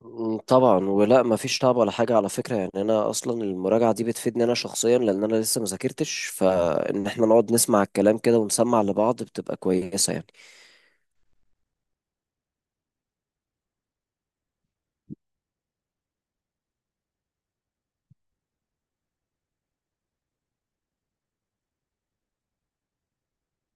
طبعا، ولا ما فيش تعب ولا حاجه على فكره، يعني انا اصلا المراجعه دي بتفيدني انا شخصيا، لان انا لسه ما ذاكرتش، فان احنا نقعد نسمع الكلام كده ونسمع لبعض بتبقى كويسه يعني.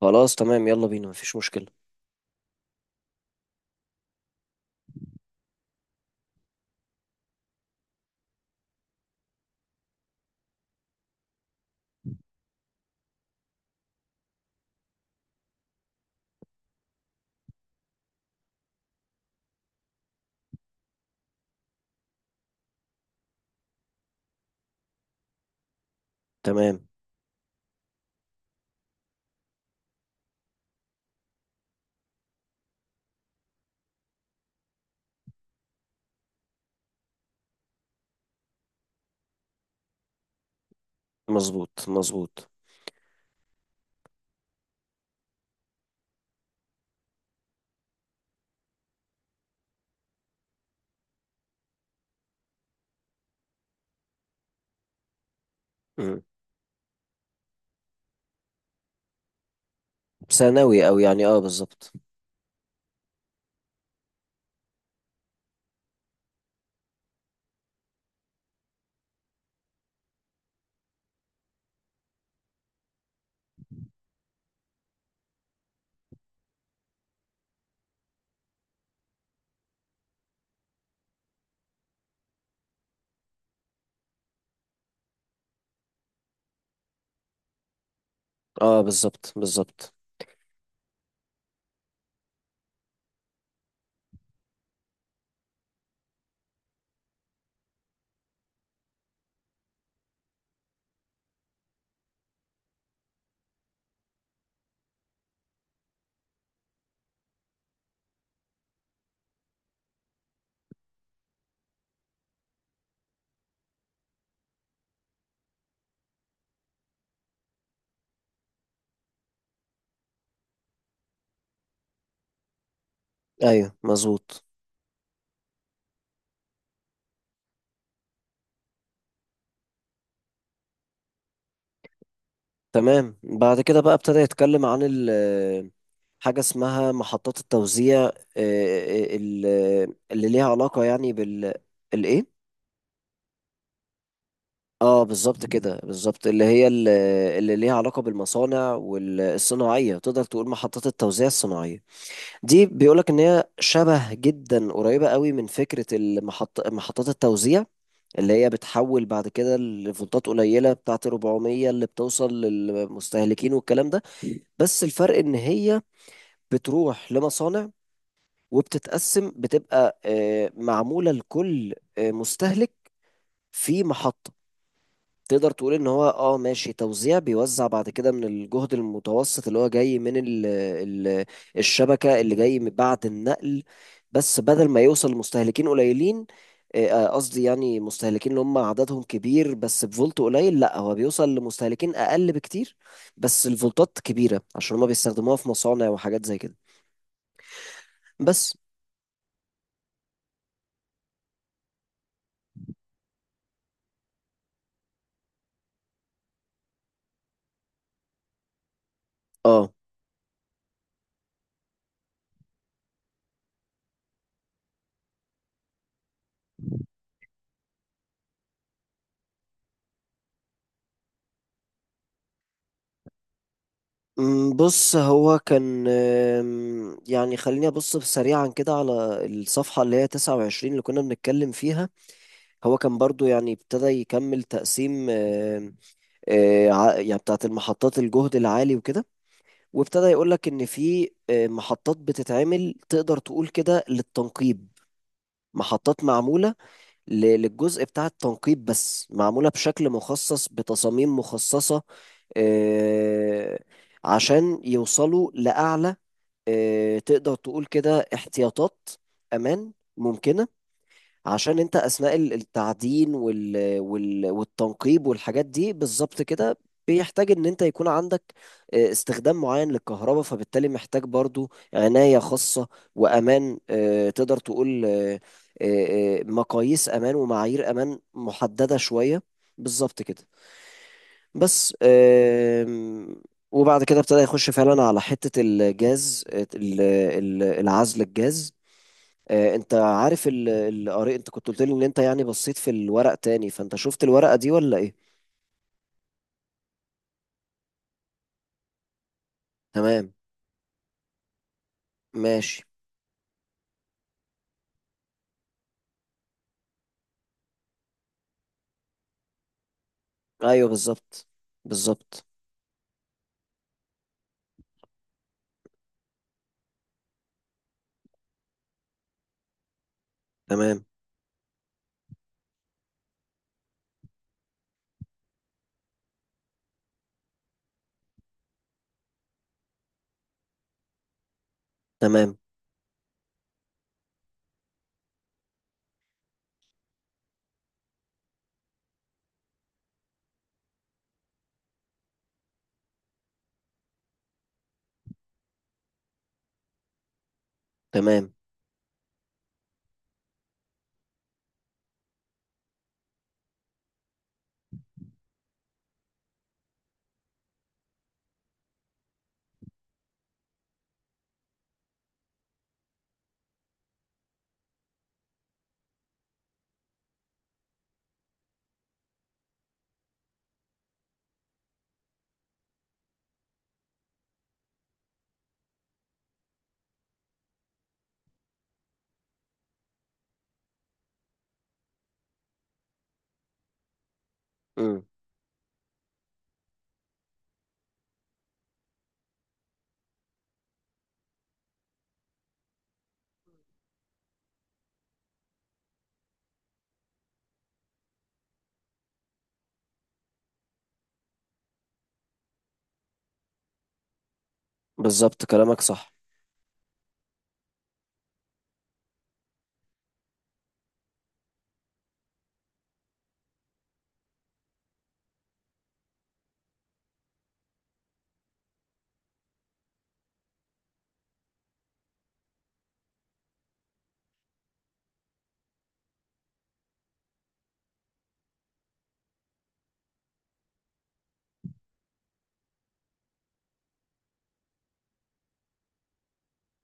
خلاص، تمام، يلا بينا، ما فيش مشكله. تمام، مظبوط مظبوط. مم. ثانوي، او يعني اه بالظبط. اه، بالظبط بالظبط. ايوه، مظبوط. تمام، بعد كده بقى ابتدى يتكلم عن حاجة اسمها محطات التوزيع، آه، ال- اللي ليها علاقة يعني الإيه؟ اه بالظبط كده، بالظبط، اللي هي اللي ليها علاقة بالمصانع والصناعية، تقدر تقول محطات التوزيع الصناعية. دي بيقولك ان هي شبه جدا قريبة قوي من فكرة محطات التوزيع اللي هي بتحول بعد كده لفولتات قليلة بتاعت 400 اللي بتوصل للمستهلكين والكلام ده. بس الفرق ان هي بتروح لمصانع، وبتتقسم، بتبقى معمولة لكل مستهلك في محطة. تقدر تقول ان هو اه ماشي توزيع بيوزع بعد كده من الجهد المتوسط اللي هو جاي من ال ال الشبكة اللي جاي من بعد النقل، بس بدل ما يوصل لمستهلكين قليلين، قصدي يعني مستهلكين اللي هم عددهم كبير بس بفولت قليل، لا هو بيوصل لمستهلكين اقل بكتير، بس الفولتات كبيرة عشان هم بيستخدموها في مصانع وحاجات زي كده. بس اه. بص هو كان يعني خليني أبص سريعا كده على الصفحة اللي هي 29 اللي كنا بنتكلم فيها. هو كان برضو يعني ابتدى يكمل تقسيم، يعني بتاعت المحطات الجهد العالي وكده. وابتدى يقولك إن في محطات بتتعمل، تقدر تقول كده، للتنقيب. محطات معمولة للجزء بتاع التنقيب، بس معمولة بشكل مخصص بتصاميم مخصصة، أه، عشان يوصلوا لأعلى، تقدر تقول كده احتياطات امان ممكنه، عشان انت اثناء التعدين والتنقيب والحاجات دي بالظبط كده. بيحتاج ان انت يكون عندك استخدام معين للكهرباء، فبالتالي محتاج برضو عناية خاصة وامان، تقدر تقول مقاييس امان ومعايير امان محددة شوية، بالظبط كده. بس وبعد كده ابتدى يخش فعلا على حتة الجاز، العزل الجاز. انت عارف ال- ال- قري انت كنت قلت لي ان انت يعني بصيت في الورق تاني، فانت شفت الورقة دي ولا ايه؟ تمام، ماشي، ايوه بالظبط بالظبط، تمام تمام تمام، امم بالظبط، كلامك صح.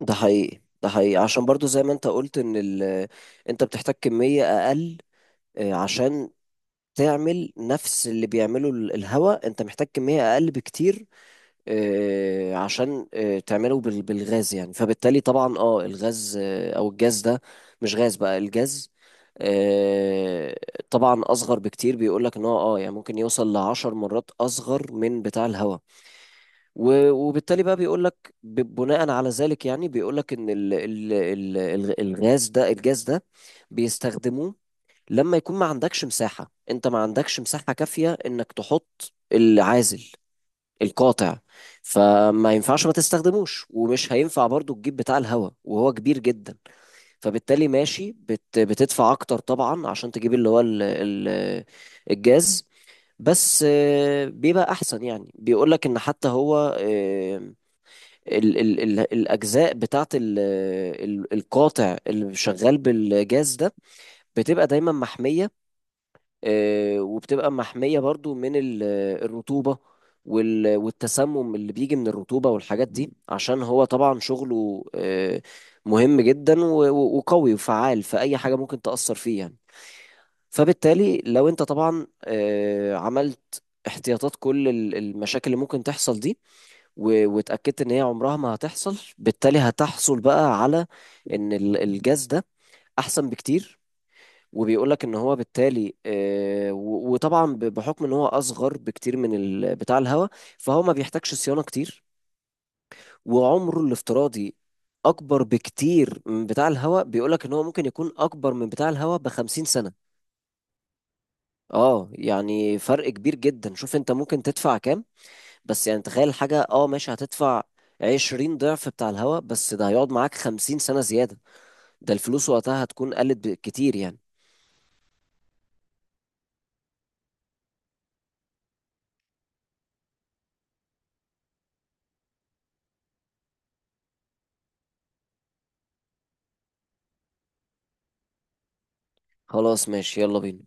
ده حقيقي ده حقيقي، عشان برضو زي ما انت قلت ان انت بتحتاج كمية اقل، عشان تعمل نفس اللي بيعمله الهواء، انت محتاج كمية اقل بكتير، عشان تعمله بالغاز يعني. فبالتالي طبعا اه الغاز، او الجاز ده، مش غاز بقى، الجاز، آه، طبعا اصغر بكتير. بيقولك ان هو اه يعني ممكن يوصل لعشر مرات اصغر من بتاع الهواء، وبالتالي بقى بيقولك بناء على ذلك، يعني بيقولك ان الغاز ده، الجاز ده، بيستخدموه لما يكون ما عندكش مساحة، انت ما عندكش مساحة كافية انك تحط العازل القاطع، فما ينفعش ما تستخدموش، ومش هينفع برضو تجيب بتاع الهواء وهو كبير جدا. فبالتالي ماشي بتدفع اكتر طبعا، عشان تجيب اللي هو ال ال الجاز، بس بيبقى احسن. يعني بيقولك ان حتى هو، آه، ال ال ال الاجزاء بتاعت ال ال القاطع اللي شغال بالجاز ده، بتبقى دايما محمية، وبتبقى محمية برضو من الرطوبة، والتسمم اللي بيجي من الرطوبة والحاجات دي، عشان هو طبعا شغله مهم جدا وقوي وفعال في أي حاجة ممكن تأثر فيه يعني. فبالتالي لو انت طبعا عملت احتياطات كل المشاكل اللي ممكن تحصل دي، واتأكدت ان هي عمرها ما هتحصل، بالتالي هتحصل بقى على ان الجاز ده احسن بكتير. وبيقول لك ان هو بالتالي، وطبعا بحكم ان هو اصغر بكتير من بتاع الهواء، فهو ما بيحتاجش صيانه كتير، وعمره الافتراضي اكبر بكتير من بتاع الهواء. بيقول لك ان هو ممكن يكون اكبر من بتاع الهواء ب 50 سنه. اه يعني فرق كبير جدا. شوف انت ممكن تدفع كام، بس يعني تخيل حاجه، اه ماشي هتدفع 20 ضعف بتاع الهواء، بس ده هيقعد معاك 50 سنه زياده، ده الفلوس وقتها هتكون قلت كتير يعني. خلاص، ماشي، يلا بينا.